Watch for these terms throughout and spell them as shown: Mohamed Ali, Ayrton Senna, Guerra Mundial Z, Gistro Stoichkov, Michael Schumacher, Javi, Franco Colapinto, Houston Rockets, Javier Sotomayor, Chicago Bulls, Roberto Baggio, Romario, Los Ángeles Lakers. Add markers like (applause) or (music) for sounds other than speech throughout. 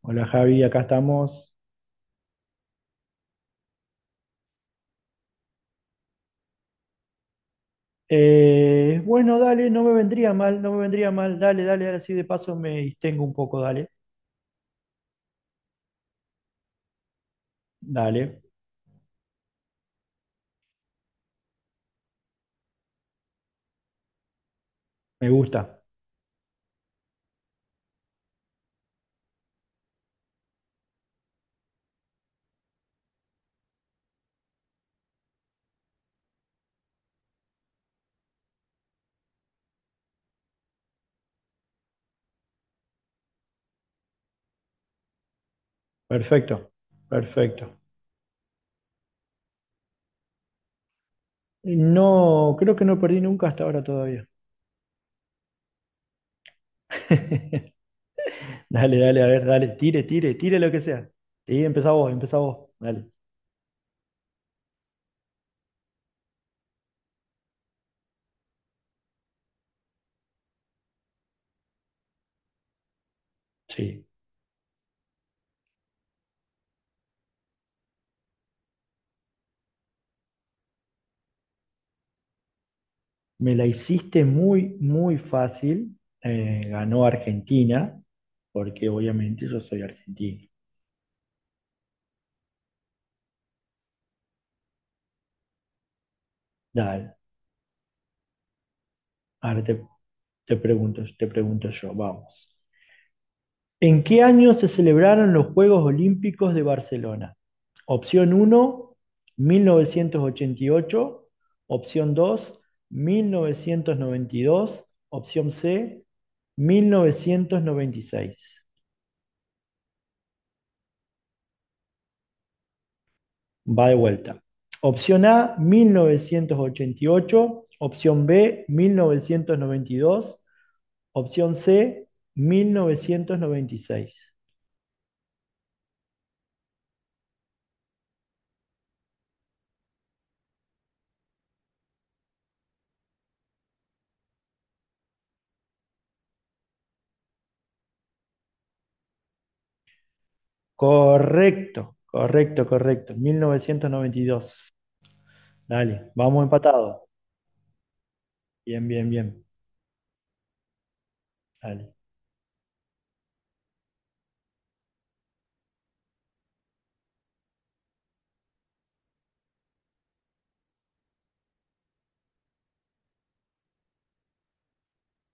Hola Javi, acá estamos. Bueno, dale, no me vendría mal, no me vendría mal. Dale, dale, dale, así de paso me distengo un poco, dale. Dale, me gusta. Perfecto, perfecto. No, creo que no perdí nunca hasta ahora todavía. (laughs) Dale, dale, a ver, dale, tire, tire, tire lo que sea. Sí, empezá vos, dale. Sí, me la hiciste muy, muy fácil. Ganó Argentina, porque obviamente yo soy argentino. Dale, arte. Te pregunto yo, vamos. ¿En qué año se celebraron los Juegos Olímpicos de Barcelona? Opción 1, 1988. Opción 2, 1992. Opción C, 1996. Va de vuelta. Opción A, 1988. Opción B, 1992. Opción C, 1996. Correcto, correcto, correcto. 1992. Dale, vamos empatados. Bien, bien, bien. Dale.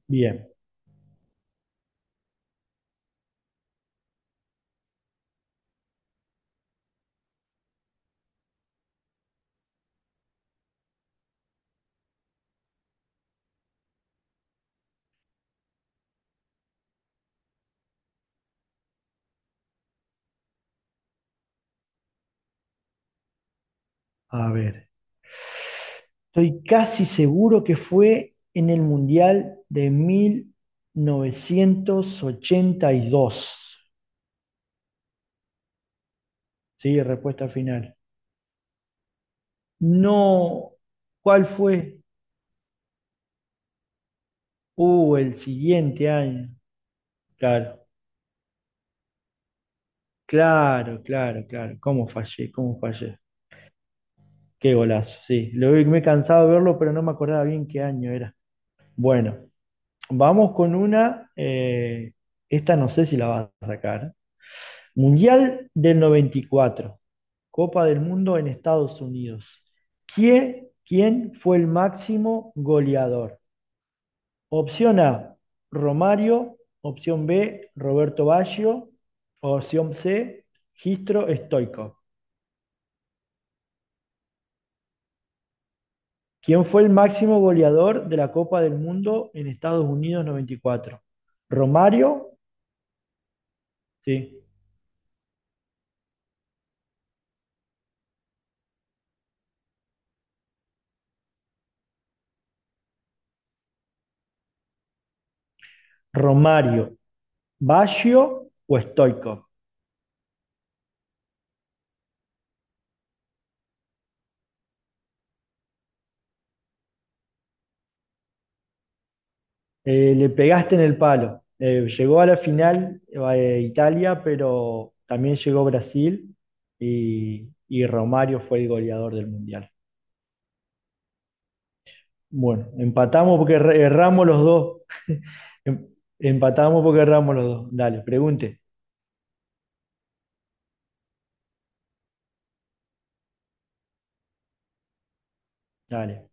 Bien, a ver. Estoy casi seguro que fue en el Mundial de 1982. Sí, respuesta final. No, ¿cuál fue? El siguiente año. Claro, claro, claro, claro. ¿Cómo fallé? ¿Cómo fallé? Qué golazo, sí. Me he cansado de verlo, pero no me acordaba bien qué año era. Bueno, vamos con una, esta no sé si la vas a sacar. Mundial del 94, Copa del Mundo en Estados Unidos. ¿Quién fue el máximo goleador? Opción A, Romario. Opción B, Roberto Baggio. Opción C, Gistro Stoichkov. ¿Quién fue el máximo goleador de la Copa del Mundo en Estados Unidos 94? ¿Romario? Sí. ¿Romario, Baggio o Stoico? Le pegaste en el palo. Llegó a la final Italia, pero también llegó Brasil y Romario fue el goleador del Mundial. Bueno, empatamos porque erramos los dos. (laughs) Em- Empatamos porque erramos los dos. Dale, pregunte. Dale.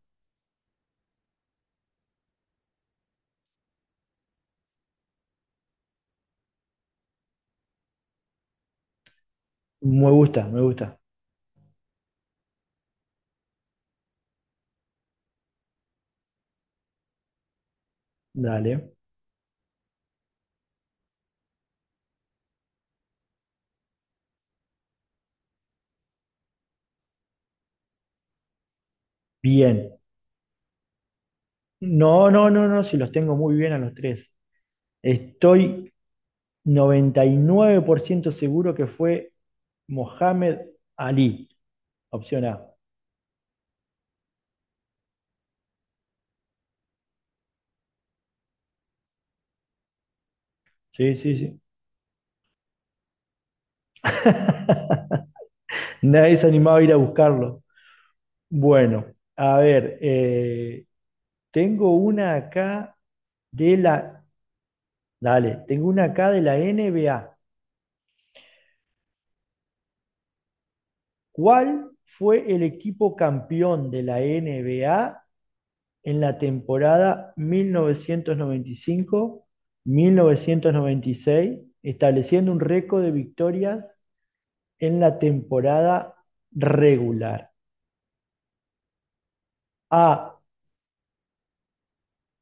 Me gusta, me gusta. Dale. Bien. No, no, no, no, si los tengo muy bien a los tres. Estoy 99% seguro que fue Mohamed Ali, opción A. Sí, sí, sí. (laughs) Nadie se animaba a ir a buscarlo. Bueno, a ver, tengo una acá de la... Dale, tengo una acá de la NBA. ¿Cuál fue el equipo campeón de la NBA en la temporada 1995-1996, estableciendo un récord de victorias en la temporada regular? A,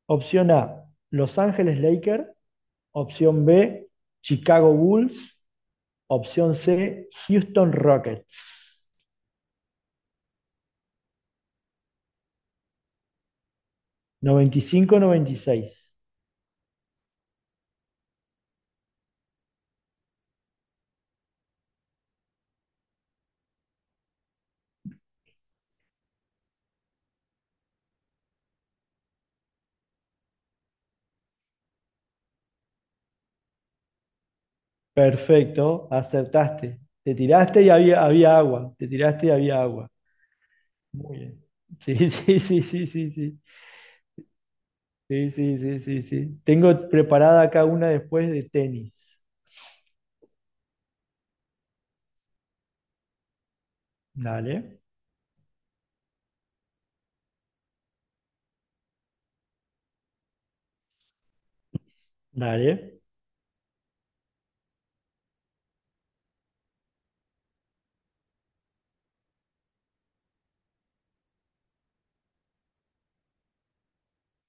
Opción A, Los Ángeles Lakers, opción B, Chicago Bulls, opción C, Houston Rockets. 95-96. Perfecto, acertaste. Te tiraste y había agua. Te tiraste y había agua. Muy bien. Sí, (laughs) sí, sí, sí, sí, sí. Sí, sí, sí, sí, sí. Tengo preparada acá una después de tenis. Dale, dale.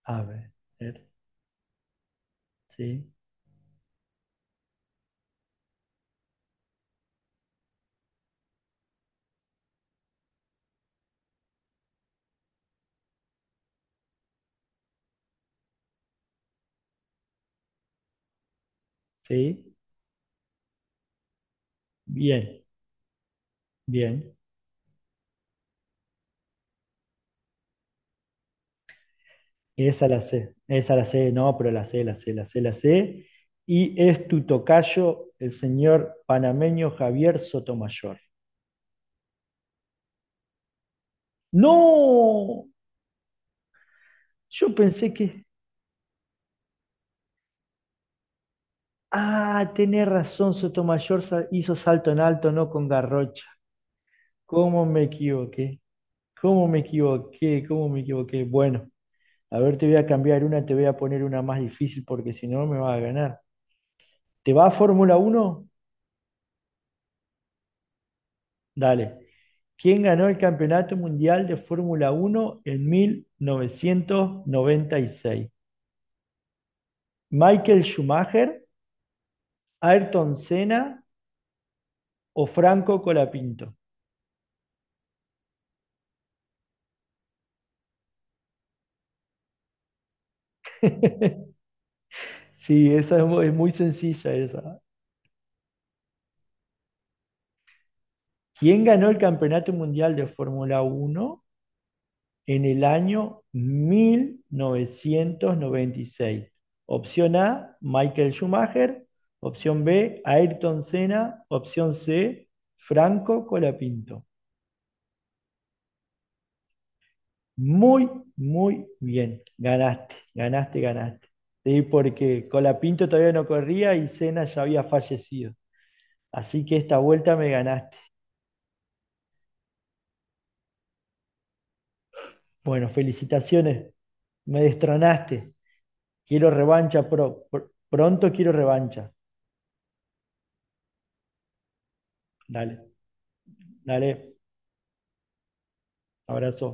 A ver. Sí, sí. Bien, bien. Esa la sé. Esa la sé, no, pero la sé, la sé, la sé, la sé. Y es tu tocayo, el señor panameño Javier Sotomayor. ¡No! Yo pensé que. Ah, tenés razón, Sotomayor hizo salto en alto, no con Garrocha. ¿Cómo me equivoqué? ¿Cómo me equivoqué? ¿Cómo me equivoqué? Bueno, a ver, te voy a cambiar una, te voy a poner una más difícil porque si no me vas a ganar. ¿Te va a Fórmula Uno? Dale. ¿Quién ganó el Campeonato Mundial de Fórmula Uno en 1996? ¿Michael Schumacher, Ayrton Senna o Franco Colapinto? (laughs) Sí, esa es muy sencilla esa. ¿Quién ganó el Campeonato Mundial de Fórmula Uno en el año 1996? Opción A, Michael Schumacher. Opción B, Ayrton Senna. Opción C, Franco Colapinto. Muy, muy bien. Ganaste, ganaste, ganaste. Sí, porque Colapinto todavía no corría y Senna ya había fallecido. Así que esta vuelta me ganaste. Bueno, felicitaciones. Me destronaste. Quiero revancha pronto quiero revancha. Dale, dale. Abrazo.